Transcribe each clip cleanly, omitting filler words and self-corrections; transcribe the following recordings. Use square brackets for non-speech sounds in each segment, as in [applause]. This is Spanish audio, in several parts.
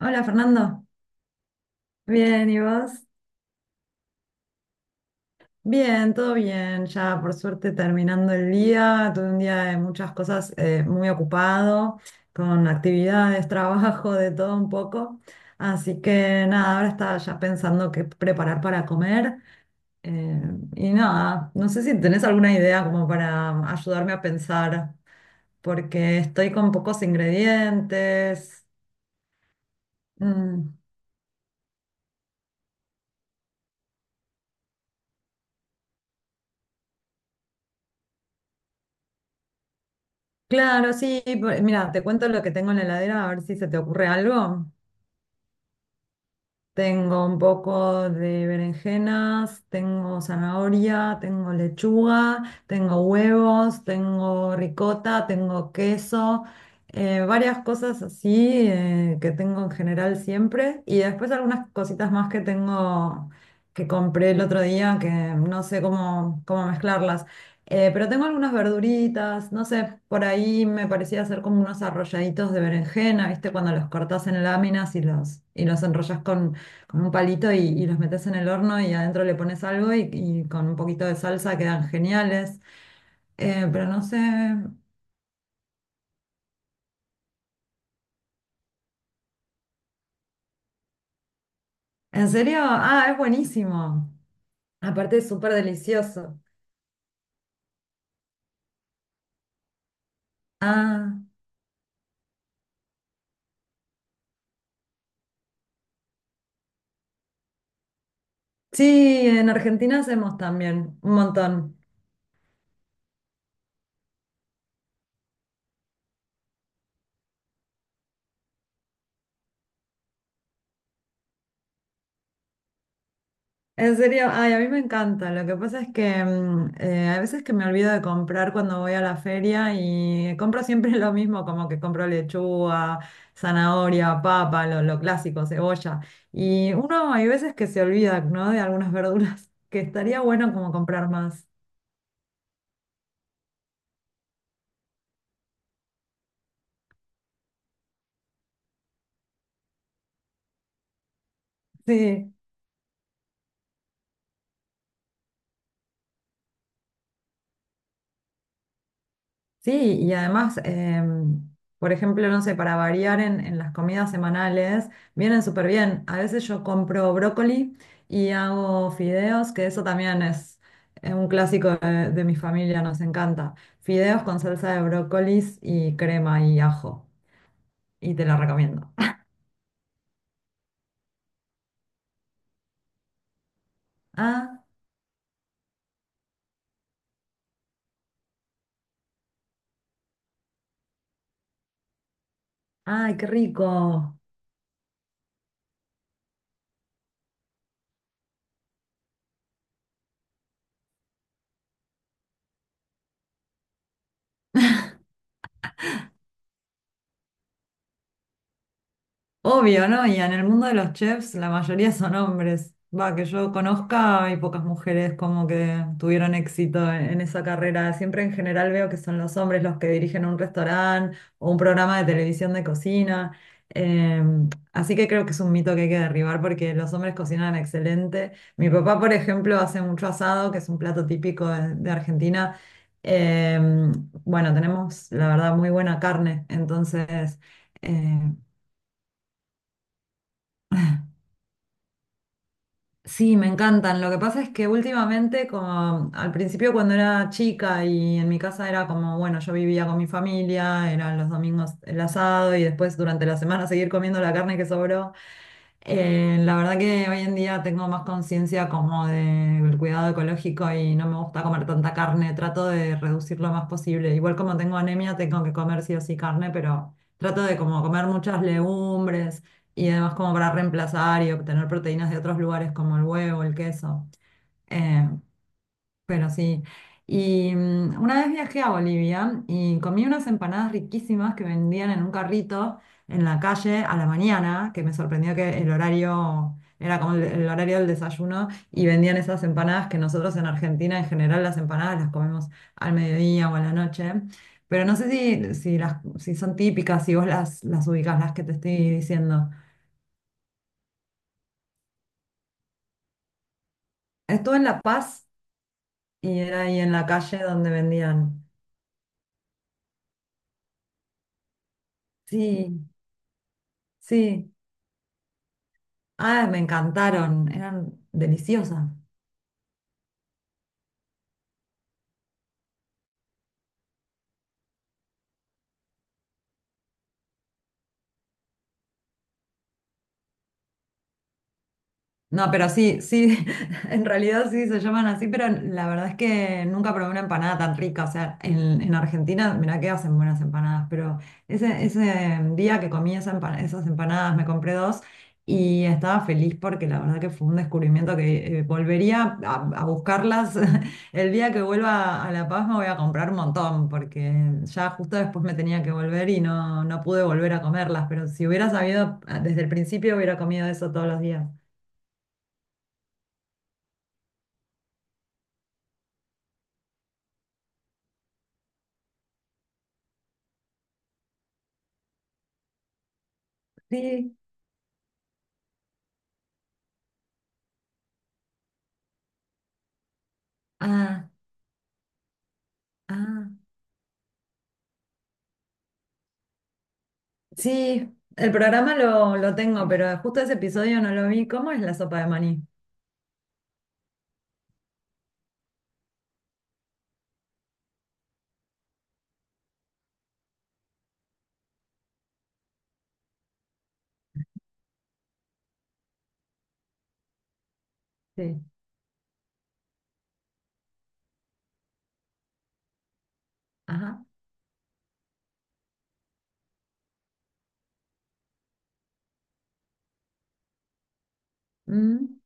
Hola Fernando, bien, ¿y vos? Bien, todo bien, ya por suerte terminando el día, tuve un día de muchas cosas muy ocupado, con actividades, [laughs] trabajo, de todo un poco, así que nada, ahora estaba ya pensando qué preparar para comer eh, y nada, no sé si tenés alguna idea como para ayudarme a pensar, porque estoy con pocos ingredientes. Mm. Claro, sí, mira, te cuento lo que tengo en la heladera, a ver si se te ocurre algo. Tengo un poco de berenjenas, tengo zanahoria, tengo lechuga, tengo huevos, tengo ricota, tengo queso, varias cosas así que tengo en general siempre. Y después algunas cositas más que tengo que compré el otro día que no sé cómo mezclarlas. Pero tengo algunas verduritas, no sé, por ahí me parecía hacer como unos arrolladitos de berenjena, ¿viste? Cuando los cortas en láminas y y los enrollas con un palito y los metes en el horno y adentro le pones algo y con un poquito de salsa quedan geniales. Pero no sé, ¿en serio? Ah, es buenísimo. Aparte es súper delicioso. Ah, sí, en Argentina hacemos también un montón. En serio, ay, a mí me encanta. Lo que pasa es que a veces que me olvido de comprar cuando voy a la feria y compro siempre [laughs] lo mismo, como que compro lechuga, zanahoria, papa, lo clásico, cebolla. Y uno hay veces que se olvida, ¿no? De algunas verduras, [laughs] que estaría bueno como comprar más. Sí. Sí, y además, por ejemplo, no sé, para variar en las comidas semanales, vienen súper bien. A veces yo compro brócoli y hago fideos, que eso también es un clásico de mi familia, nos encanta. Fideos con salsa de brócolis y crema y ajo, y te lo recomiendo. Ah, ay, qué rico. Obvio, ¿no? Y en el mundo de los chefs la mayoría son hombres. Va, que yo conozca, hay pocas mujeres como que tuvieron éxito en esa carrera. Siempre en general veo que son los hombres los que dirigen un restaurante o un programa de televisión de cocina. Eh, Así que creo que es un mito que hay que derribar porque los hombres cocinan excelente. Mi papá, por ejemplo, hace mucho asado, que es un plato típico de Argentina. Eh, bueno, tenemos la verdad muy buena carne, entonces... Eh, Sí, me encantan. Lo que pasa es que últimamente, como al principio cuando era chica y en mi casa era como, bueno, yo vivía con mi familia, eran los domingos el asado y después durante la semana seguir comiendo la carne que sobró. La verdad que hoy en día tengo más conciencia como del cuidado ecológico y no me gusta comer tanta carne, trato de reducir lo más posible. Igual como tengo anemia, tengo que comer sí o sí carne, pero trato de como comer muchas legumbres y además como para reemplazar y obtener proteínas de otros lugares como el huevo, el queso. Eh, pero sí. Y una vez viajé a Bolivia y comí unas empanadas riquísimas que vendían en un carrito en la calle a la mañana, que me sorprendió que el horario era como el horario del desayuno y vendían esas empanadas que nosotros en Argentina en general las empanadas las comemos al mediodía o a la noche. Pero no sé si son típicas, si vos las ubicás, las que te estoy diciendo. Estuve en La Paz y era ahí en la calle donde vendían. Sí, sí. Ah, me encantaron, eran deliciosas. No, pero sí, sí, [laughs] en realidad sí se llaman así, pero la verdad es que nunca probé una empanada tan rica. O sea, en Argentina, mirá que hacen buenas empanadas, pero ese día que comí esas empanadas, me compré dos y estaba feliz porque la verdad que fue un descubrimiento que volvería a buscarlas. [laughs] El día que vuelva a La Paz me voy a comprar un montón, porque ya justo después me tenía que volver y no, no pude volver a comerlas, pero si hubiera sabido ah, desde el principio hubiera comido eso todos los días. Sí. Ah, ah, sí, el programa lo tengo, pero justo ese episodio no lo vi. ¿Cómo es la sopa de maní? Sí, ajá. Mm,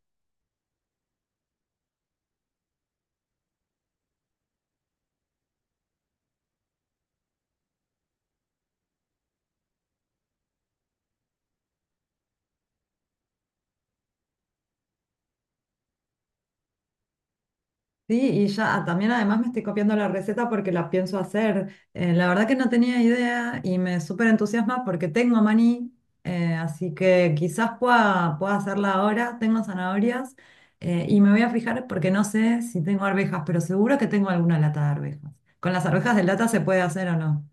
sí, y ya ah, también además me estoy copiando la receta porque la pienso hacer. La verdad que no tenía idea y me súper entusiasma porque tengo maní, así que quizás pueda hacerla ahora. Tengo zanahorias y me voy a fijar porque no sé si tengo arvejas, pero seguro que tengo alguna lata de arvejas. ¿Con las arvejas de lata se puede hacer o no?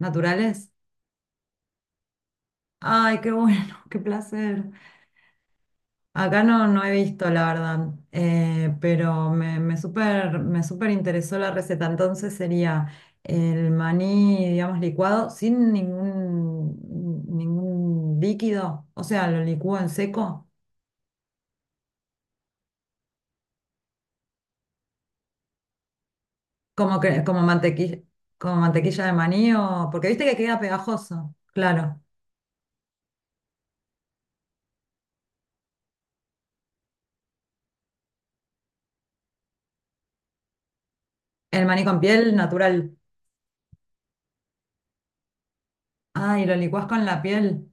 ¿Naturales? Ay, qué bueno, [laughs] qué placer. Acá no, no he visto, la verdad, pero me súper interesó la receta. Entonces sería el maní, digamos, licuado sin ningún líquido, o sea, lo licúo en seco, mantequilla, como mantequilla de maní, o, porque viste que queda pegajoso, claro. El maní con piel natural. Ay, lo licuás con la piel.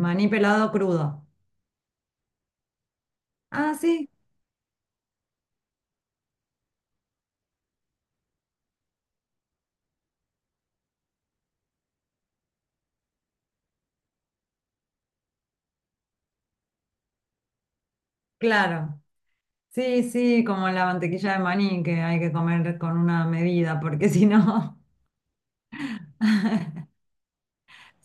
Maní pelado crudo. Ah, sí, claro. Sí, sí, como la mantequilla de maní que hay que comer con una medida, porque [laughs] si no,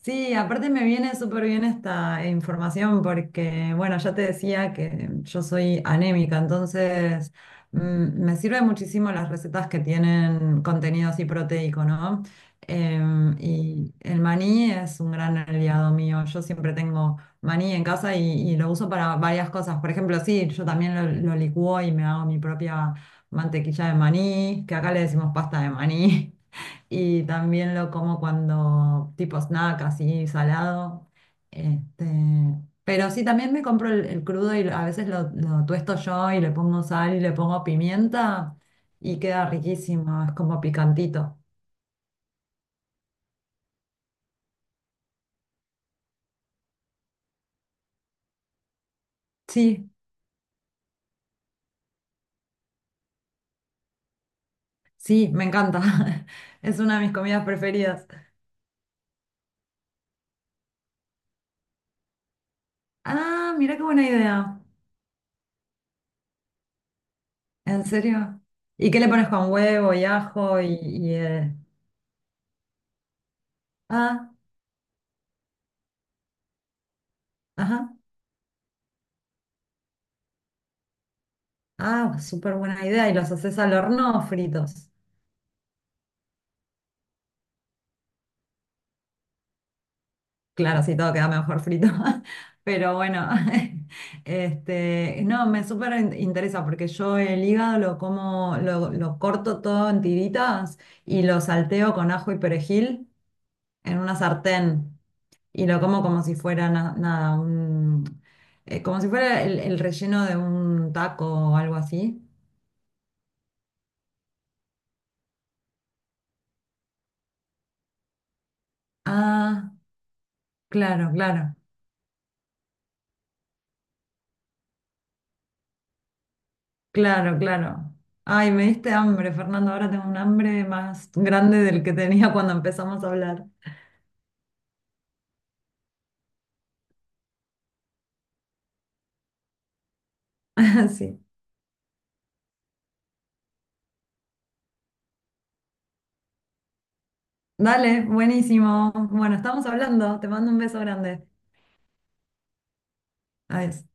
sí, aparte me viene súper bien esta información porque, bueno, ya te decía que yo soy anémica, entonces me sirven muchísimo las recetas que tienen contenido así proteico, ¿no? Y el maní es un gran aliado mío. Yo siempre tengo maní en casa y lo uso para varias cosas. Por ejemplo, sí, yo también lo licúo y me hago mi propia mantequilla de maní, que acá le decimos pasta de maní. Y también lo como cuando, tipo snack, así salado. Este, pero sí, también me compro el crudo y a veces lo tuesto yo y le pongo sal y le pongo pimienta y queda riquísimo, es como picantito. Sí, sí, me encanta. [laughs] Es una de mis comidas preferidas. Ah, mira qué buena idea. ¿En serio? ¿Y qué le pones con huevo y ajo y... ah, ajá. Ah, súper buena idea. Y los haces al horno o fritos. Claro, sí, todo queda mejor frito. [laughs] Pero bueno, [laughs] este, no, me interesa porque yo el hígado lo como, lo corto todo en tiritas y lo salteo con ajo y perejil en una sartén y lo como como si fuera nada, como si fuera el relleno de un taco o algo así. Ah, claro, claro, claro, claro. Ay, me diste hambre, Fernando. Ahora tengo un hambre más grande del que tenía cuando empezamos a hablar. [laughs] Sí. Dale, buenísimo. Bueno, estamos hablando. Te mando un beso grande. Adiós.